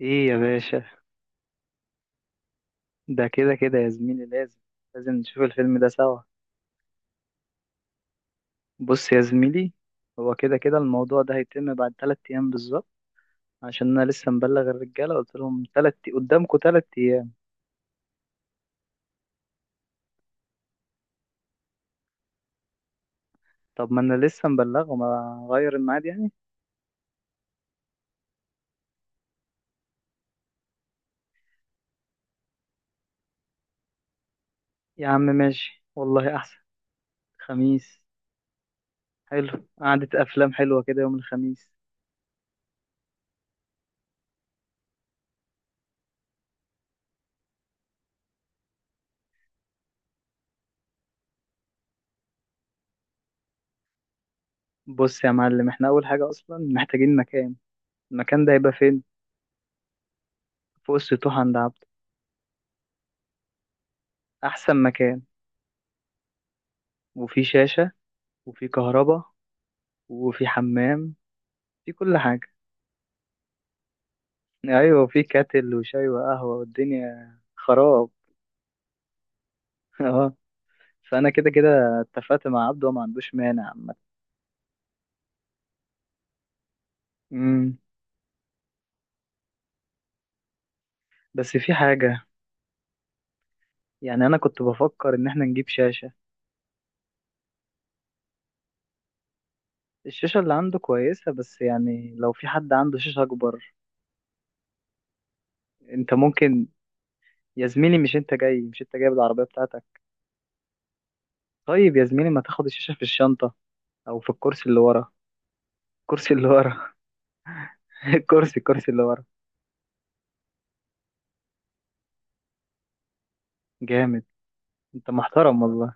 ايه يا باشا. ده كده كده يا زميلي لازم، لازم نشوف الفيلم ده سوا. بص يا زميلي، هو كده كده الموضوع ده هيتم بعد تلات ايام بالظبط، عشان انا لسه مبلغ الرجاله، قلت لهم تلات قدامكم تلات ايام. طب ما انا لسه مبلغهم، اغير الميعاد يعني؟ يا عم ماشي والله، احسن. خميس. حلو، قعدة افلام حلوه كده يوم الخميس. بص يا معلم، احنا اول حاجه اصلا محتاجين مكان. المكان ده هيبقى فين؟ فوق السطوح عند عبده. احسن مكان. وفي شاشه، وفي كهرباء، وفي حمام، في كل حاجة. أيوة، وفي كاتل وشاي وقهوة والدنيا خراب. اه. فأنا كده كده اتفقت مع عبده وما عندوش مانع عامة. أمم، بس في حاجة. يعني أنا كنت بفكر إن احنا نجيب شاشة. الشاشة اللي عنده كويسة، بس يعني لو في حد عنده شاشة أكبر. أنت ممكن، يا زميلي مش أنت جاي، مش أنت جايب العربية بتاعتك؟ طيب يا زميلي، ما تاخد الشاشة في الشنطة أو في الكرسي اللي ورا. الكرسي اللي ورا. الكرسي اللي ورا. جامد. أنت محترم والله.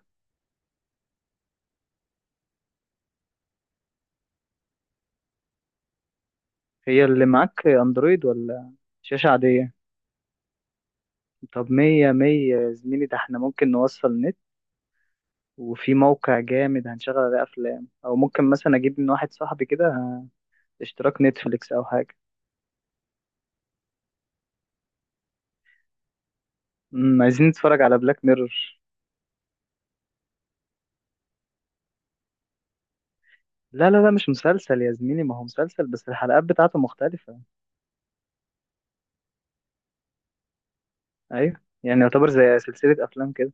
هي اللي معاك اندرويد ولا شاشة عادية؟ طب مية مية يا زميلي، ده احنا ممكن نوصل نت، وفي موقع جامد هنشغل عليه افلام، او ممكن مثلا اجيب من واحد صاحبي كده اشتراك نتفليكس او حاجة. عايزين نتفرج على بلاك ميرور. لا لا لا، مش مسلسل يا زميلي، ما هو مسلسل بس الحلقات بتاعته مختلفة. ايوه، يعني يعتبر زي سلسلة افلام كده.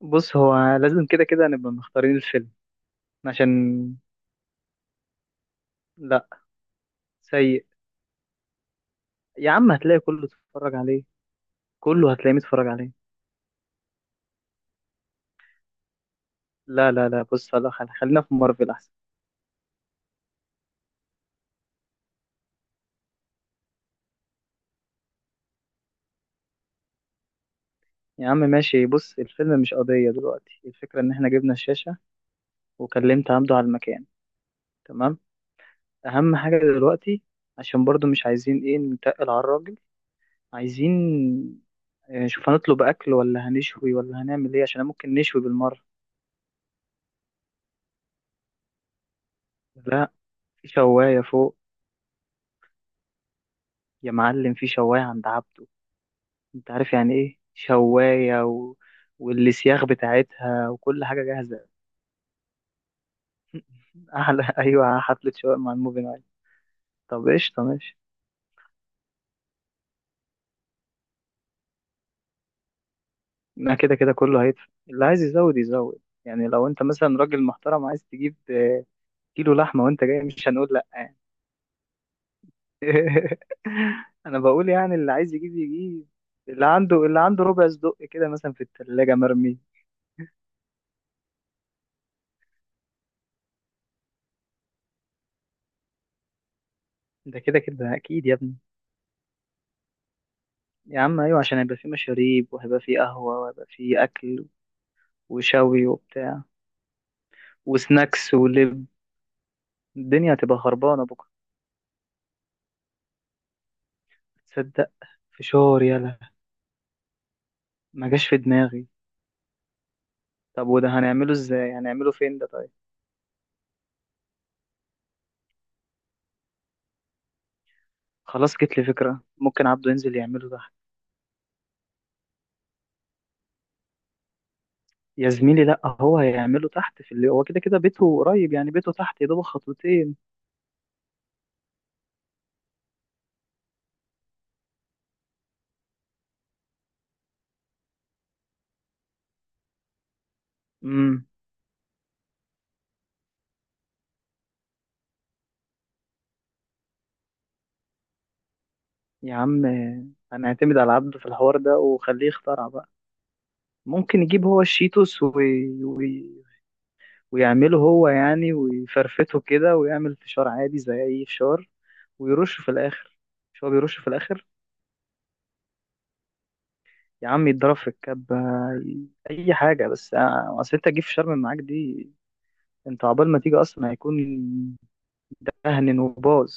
بص، هو لازم كده كده نبقى مختارين الفيلم. عشان، لا. سيء. يا عم هتلاقي كله اتفرج عليه، كله هتلاقيه متفرج عليه. لا لا لا، بص، لا، خلينا في مارفل احسن. يا عم ماشي، بص الفيلم مش قضية دلوقتي، الفكرة ان احنا جبنا الشاشة وكلمت عمدو على المكان. تمام. اهم حاجة دلوقتي، عشان برضو مش عايزين ايه نتقل على الراجل. عايزين شوف، هنطلب اكل ولا هنشوي ولا هنعمل ايه؟ عشان ممكن نشوي بالمرة. لا، في شواية فوق. يا معلم، في شواية عند عبده. انت عارف يعني ايه شواية، و... والسياخ بتاعتها وكل حاجة جاهزة. احلى، ايوه حفلة شواء مع الموفي نايت. طب قشطة ماشي. ما كده كده كله هيدفع، اللي عايز يزود يزود يعني، لو انت مثلا راجل محترم عايز تجيب كيلو لحمة وانت جاي، مش هنقول لأ يعني. انا بقول يعني اللي عايز يجيب يجيب، اللي عنده اللي عنده ربع صدق كده مثلا في التلاجة مرمي. ده كده كده اكيد يا ابني. يا عم ايوه، عشان هيبقى فيه مشاريب، وهيبقى فيه قهوة، وهيبقى فيه اكل، وشوي وبتاع، وسناكس ولب. الدنيا هتبقى خربانة بكرة. تصدق، فشار، يلا. ما جاش في دماغي. طب وده هنعمله ازاي؟ هنعمله فين ده طيب؟ خلاص، جت لي فكرة، ممكن عبده ينزل يعمله تحت. يا زميلي، لا هو هيعمله تحت، في اللي هو كده كده بيته قريب يعني، بيته تحت يا دوب خطوتين. امم يا عم هنعتمد على عبده في الحوار ده، وخليه يخترع بقى. ممكن يجيب هو الشيتوس ويعمله هو يعني، ويفرفته كده، ويعمل فشار عادي زي اي فشار، ويرشه في الاخر. مش هو بيرش في الاخر؟ يا عم يتضرب في الكبة. اي حاجه بس، اصل انت تجيب في شرم معاك دي، انت عقبال ما تيجي اصلا هيكون مهنن وباظ.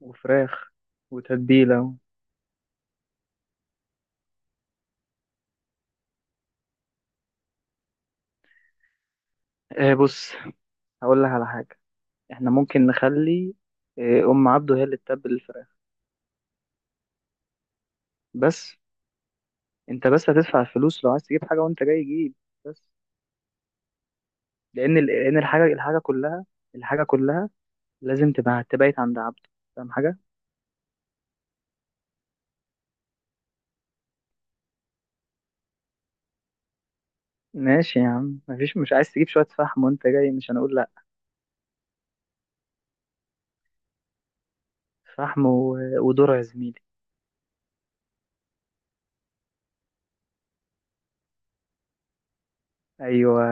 وفراخ وتتبيله. آه، بص، هقول لك على حاجه. احنا ممكن نخلي، ام عبده هي اللي تتبل الفراخ. بس، انت بس هتدفع الفلوس، لو عايز تجيب حاجه وانت جاي جيب. بس لان الحاجه كلها، الحاجه كلها لازم تبقى تبقيت عند عبده. فاهم حاجه. ماشي يا عم، مفيش، مش عايز تجيب شويه فحم وانت جاي، مش هنقول لا. فحم وذره يا زميلي. ايوه،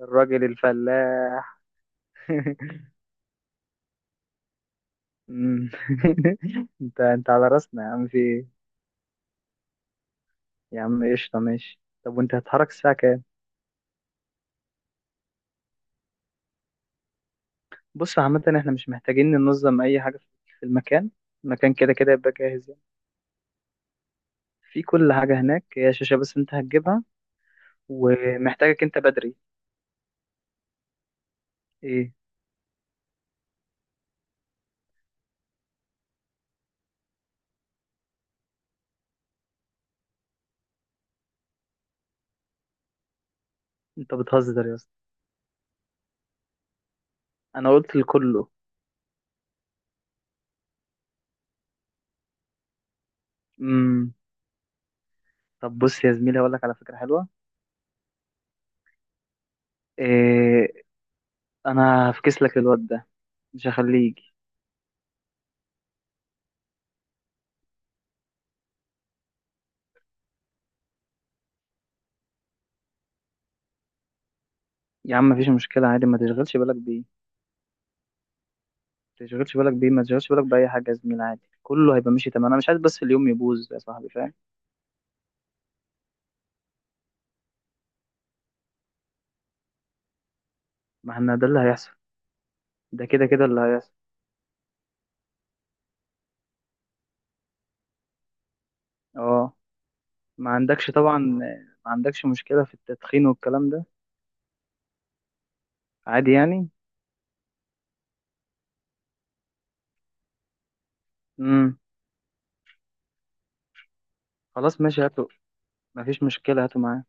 الراجل الفلاح. مم. انت على راسنا يا عم، في ايه؟ يا عم قشطة ماشي. طب وانت هتتحرك الساعة كام؟ بص عامة، احنا مش محتاجين ننظم اي حاجة في المكان، المكان كده كده يبقى جاهز يعني، في كل حاجة هناك، هي شاشة بس انت هتجيبها. ومحتاجك انت بدري. ايه؟ انت بتهزر يا اسطى؟ انا قلت لكله. امم طب بص يا زميلي، هقول لك على فكرة حلوة. إيه؟ انا هفكس لك الواد ده، مش هخليه يجي. يا عم مفيش مشكلة، عادي، ما تشغلش بالك بيه، تشغلش بالك بيه، ما تشغلش بالك بأي حاجة يا زميلي، عادي كله هيبقى ماشي تمام. أنا مش عايز بس اليوم يبوظ يا صاحبي، فاهم. ما احنا ده اللي هيحصل، ده كده كده اللي هيحصل. اه، ما عندكش طبعا، ما عندكش مشكلة في التدخين والكلام ده؟ عادي يعني. امم خلاص ماشي، هاته، ما فيش مشكلة هاته معاه.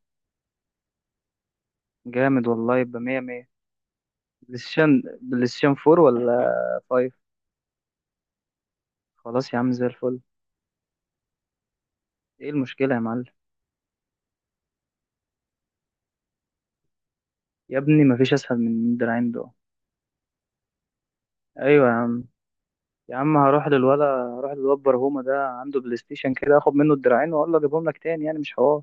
جامد والله، يبقى مية مية. بلايستيشن، بلايستيشن فور ولا؟ فايف. خلاص يا عم زي الفل. ايه المشكلة يا معلم؟ يا ابني ما فيش أسهل من الدراعين دول. أيوة يا عم. يا عم هروح للولا، هروح للواد برهومة، ده عنده بلاي ستيشن كده، اخد منه الدراعين واقول له اجيبهم لك تاني، يعني مش حوار.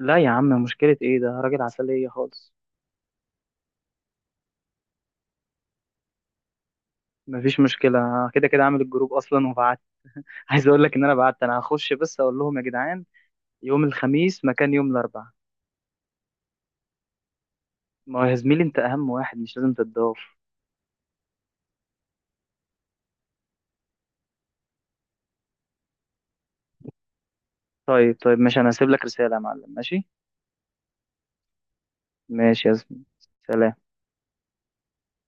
لا يا عم مشكلة ايه، ده راجل عسلية خالص. مفيش مشكلة، كده كده عامل الجروب اصلا وبعت. عايز اقول لك ان انا بعت، انا هخش بس اقول لهم يا جدعان يوم الخميس مكان يوم الاربعاء. ما هو يا زميلي، انت اهم واحد، مش لازم تتضاف. طيب طيب ماشي، انا هسيب لك رسالة يا معلم، ماشي. ماشي يا زميلي. سلام.